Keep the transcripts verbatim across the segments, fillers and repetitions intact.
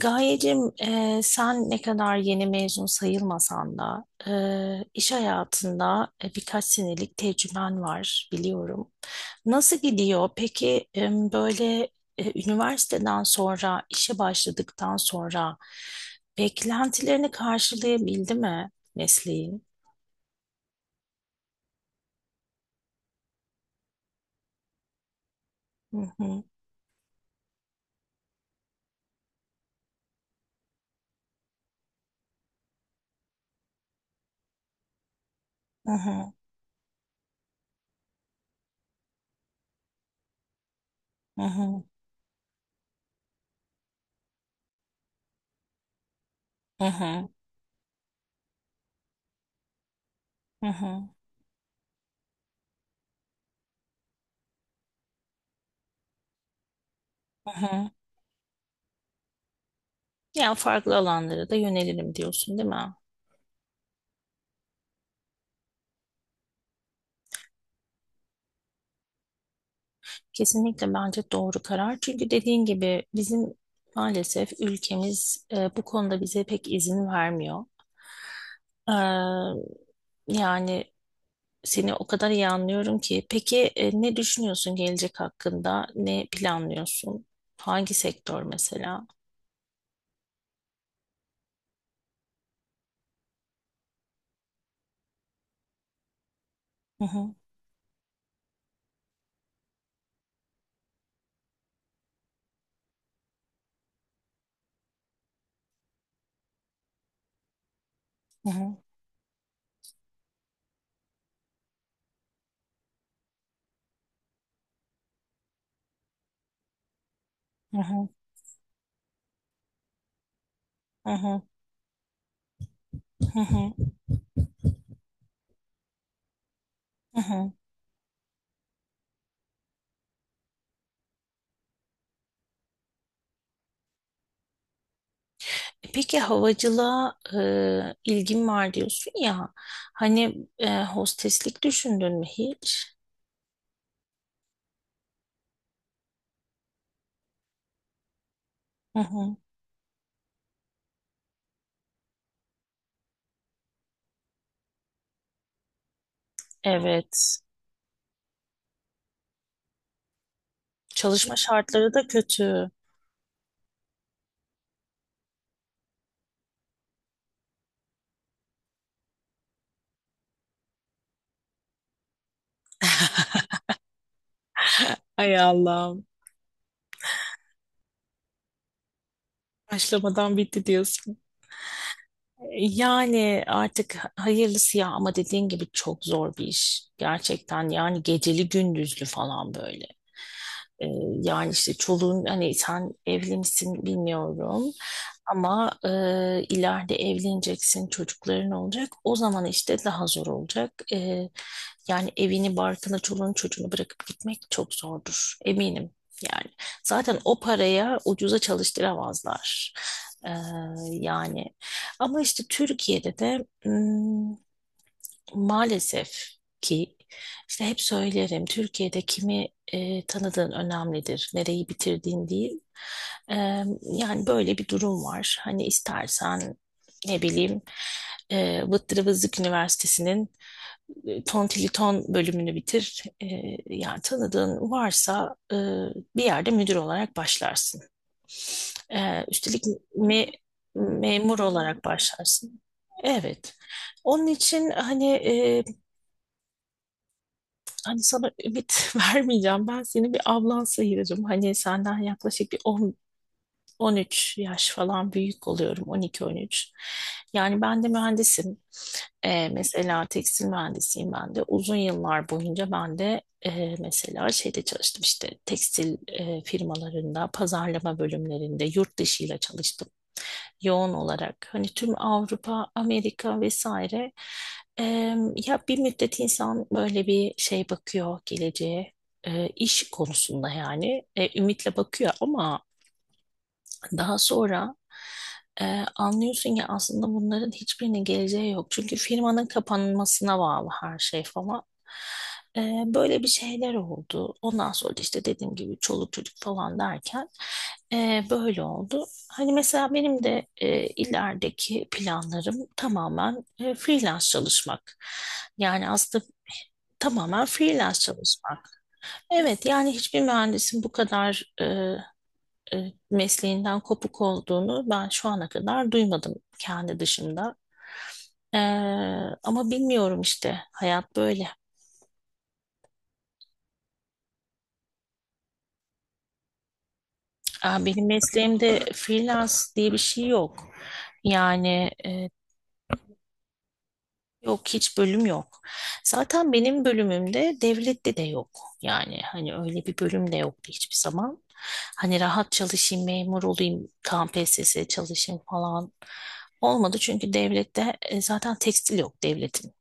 Gayecim, e, sen ne kadar yeni mezun sayılmasan da e, iş hayatında e, birkaç senelik tecrüben var biliyorum. Nasıl gidiyor? Peki, e, böyle e, üniversiteden sonra işe başladıktan sonra beklentilerini karşılayabildi mi mesleğin? Hı hı, hı hı, hı hı, hı hı, hı hı, hı hı. Yani farklı alanlara da yönelirim diyorsun, değil mi? Kesinlikle bence doğru karar. Çünkü dediğin gibi bizim maalesef ülkemiz e, bu konuda bize pek izin vermiyor. Ee, Yani seni o kadar iyi anlıyorum ki. Peki, e, ne düşünüyorsun gelecek hakkında? Ne planlıyorsun? Hangi sektör mesela? Hı hı, hı hı, hı hı, hı hı, hı hı, hı hı. Peki havacılığa e, ilgin var diyorsun ya. Hani, e, hosteslik düşündün mü hiç? Hı hı. Evet, çalışma şartları da kötü. Ay Allah'ım. Başlamadan bitti diyorsun. Yani artık hayırlısı ya, ama dediğin gibi çok zor bir iş. Gerçekten yani geceli gündüzlü falan böyle. Ee, Yani işte çoluğun, hani sen evli misin bilmiyorum. Ama e, ileride evleneceksin, çocukların olacak. O zaman işte daha zor olacak. E, yani evini, barkını, çoluğunu, çocuğunu bırakıp gitmek çok zordur. Eminim yani. Zaten o paraya ucuza çalıştıramazlar. E, Yani ama işte Türkiye'de de maalesef ki işte hep söylerim, Türkiye'de kimi e, tanıdığın önemlidir, nereyi bitirdiğin değil. E, Yani böyle bir durum var. Hani istersen ne bileyim, e, Vıttırı Vızlık Üniversitesi'nin e, Tantiliton bölümünü bitir. E, yani tanıdığın varsa, e, bir yerde müdür olarak başlarsın. E, üstelik me- memur olarak başlarsın. Evet. Onun için, hani e, hani sana ümit vermeyeceğim. Ben seni bir ablan sayırım. Hani senden yaklaşık bir on, on üç yaş falan büyük oluyorum. on iki on üç. Yani ben de mühendisim. Ee, mesela tekstil mühendisiyim ben de. Uzun yıllar boyunca ben de e, mesela şeyde çalıştım, işte tekstil e, firmalarında, pazarlama bölümlerinde, yurt dışıyla çalıştım yoğun olarak. Hani tüm Avrupa, Amerika vesaire. Eee, Ya bir müddet insan böyle bir şey bakıyor geleceğe. eee, iş konusunda yani e, ümitle bakıyor, ama daha sonra e, anlıyorsun ki aslında bunların hiçbirinin geleceği yok. Çünkü firmanın kapanmasına bağlı her şey falan. E, Böyle bir şeyler oldu. Ondan sonra da işte dediğim gibi çoluk çocuk falan derken, e, böyle oldu. Hani mesela benim de e, ilerideki planlarım tamamen e, freelance çalışmak. Yani aslında tamamen freelance çalışmak. Evet, yani hiçbir mühendisin bu kadar e, e, mesleğinden kopuk olduğunu ben şu ana kadar duymadım kendi dışımda. Ee, Ama bilmiyorum, işte hayat böyle. Aa, benim mesleğimde freelance diye bir şey yok. Yani e, yok, hiç bölüm yok. Zaten benim bölümümde devlette de yok. Yani hani öyle bir bölüm de yoktu hiçbir zaman. Hani rahat çalışayım, memur olayım, tam K P S S çalışayım falan, olmadı. Çünkü devlette e, zaten tekstil yok devletin,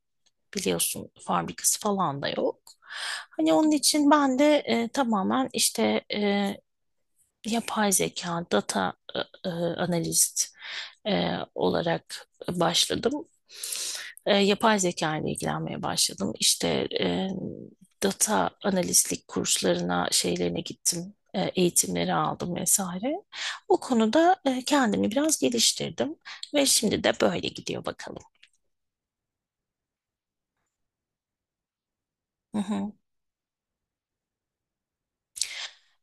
biliyorsun, fabrikası falan da yok. Hani onun için ben de e, tamamen işte e, yapay zeka, data e, e, analist e, olarak başladım. E, yapay zeka ile ilgilenmeye başladım. İşte, e, data analistlik kurslarına, şeylerine gittim. E, eğitimleri aldım vesaire. O konuda e, kendimi biraz geliştirdim ve şimdi de böyle gidiyor bakalım. Hı hı.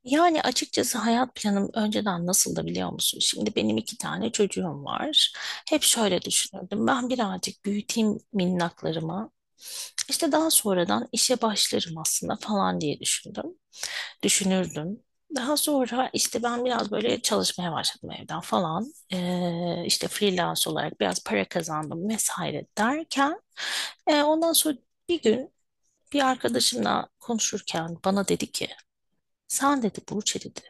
Yani açıkçası hayat planım önceden nasıldı biliyor musun? Şimdi benim iki tane çocuğum var. Hep şöyle düşünürdüm. Ben birazcık büyüteyim minnaklarımı. İşte daha sonradan işe başlarım aslında falan diye düşündüm. Düşünürdüm. Daha sonra işte ben biraz böyle çalışmaya başladım evden falan. Ee, işte freelance olarak biraz para kazandım vesaire derken, e, ondan sonra bir gün bir arkadaşımla konuşurken bana dedi ki, sen dedi Burçe dedi.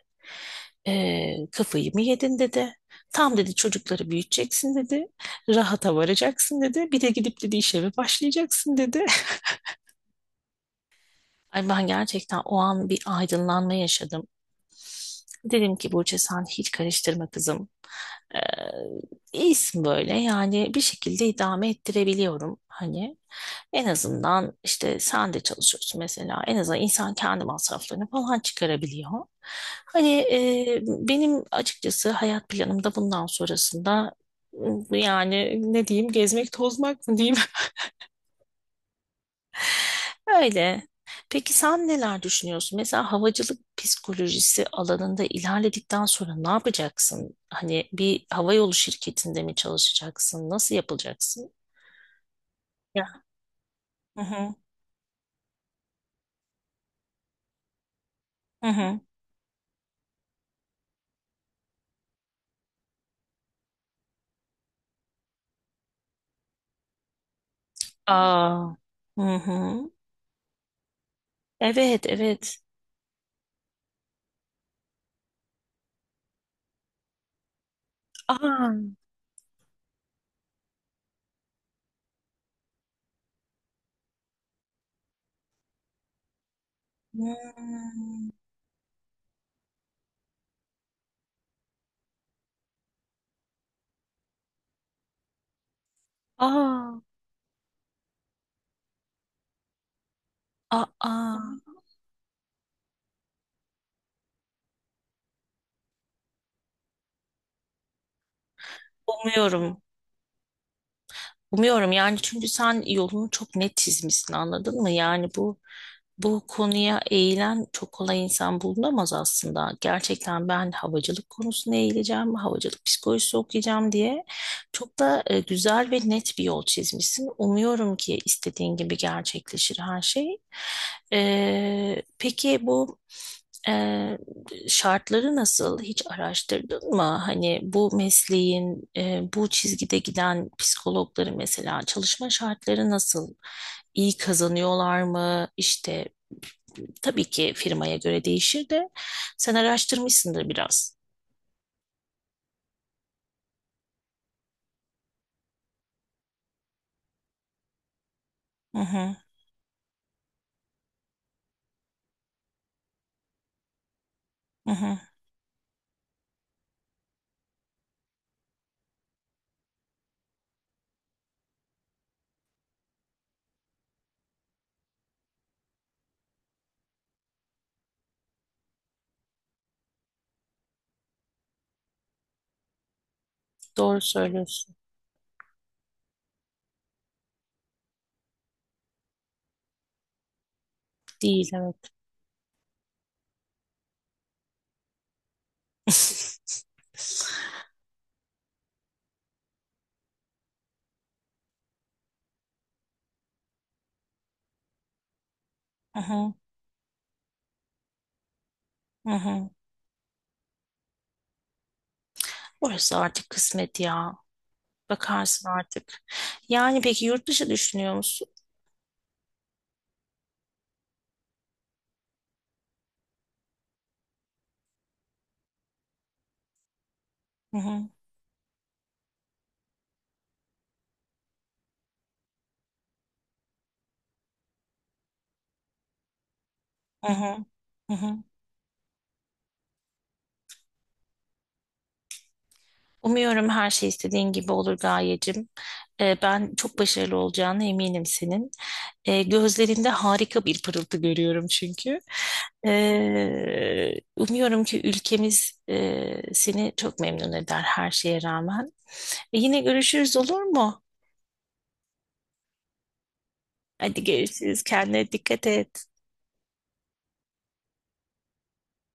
"ee, Kafayı mı yedin dedi. Tam dedi çocukları büyüteceksin dedi. Rahata varacaksın dedi. Bir de gidip dedi işe eve başlayacaksın dedi. Ay, ben gerçekten o an bir aydınlanma yaşadım. Dedim ki Burçe, sen hiç karıştırma kızım. Ee, iyisin böyle, yani bir şekilde idame ettirebiliyorum hani. En azından işte sen de çalışıyorsun mesela. En azından insan kendi masraflarını falan çıkarabiliyor. Hani e, benim açıkçası hayat planımda bundan sonrasında, m, yani ne diyeyim, gezmek tozmak mı diyeyim? Öyle. Peki sen neler düşünüyorsun? Mesela havacılık psikolojisi alanında ilerledikten sonra ne yapacaksın? Hani bir havayolu şirketinde mi çalışacaksın? Nasıl yapılacaksın? Ya. Hı hı. Hı hı. Aa. Hı hı. Evet, evet. Aa. Hmm. Aa. Aa. Umuyorum. Umuyorum yani, çünkü sen yolunu çok net çizmişsin, anladın mı? Yani bu bu konuya eğilen çok kolay insan bulunamaz aslında. Gerçekten, ben havacılık konusuna eğileceğim, havacılık psikolojisi okuyacağım diye çok da e, güzel ve net bir yol çizmişsin. Umuyorum ki istediğin gibi gerçekleşir her şey. Ee, peki bu şartları nasıl, hiç araştırdın mı? Hani bu mesleğin, e, bu çizgide giden psikologları, mesela çalışma şartları nasıl? İyi kazanıyorlar mı? İşte tabii ki firmaya göre değişir de sen araştırmışsındır biraz. Hı hı, hı hı. Doğru söylüyorsun. Değil, evet. Hı hı, hı hı. Orası artık kısmet ya. Bakarsın artık. Yani peki, yurt dışı düşünüyor musun? Hı hı, hı hı, hı hı. Umuyorum her şey istediğin gibi olur Gayecim. Ee, ben çok başarılı olacağına eminim senin. Ee, gözlerinde harika bir pırıltı görüyorum çünkü. Ee, umuyorum ki ülkemiz, e, seni çok memnun eder her şeye rağmen. E, yine görüşürüz, olur mu? Hadi görüşürüz. Kendine dikkat et.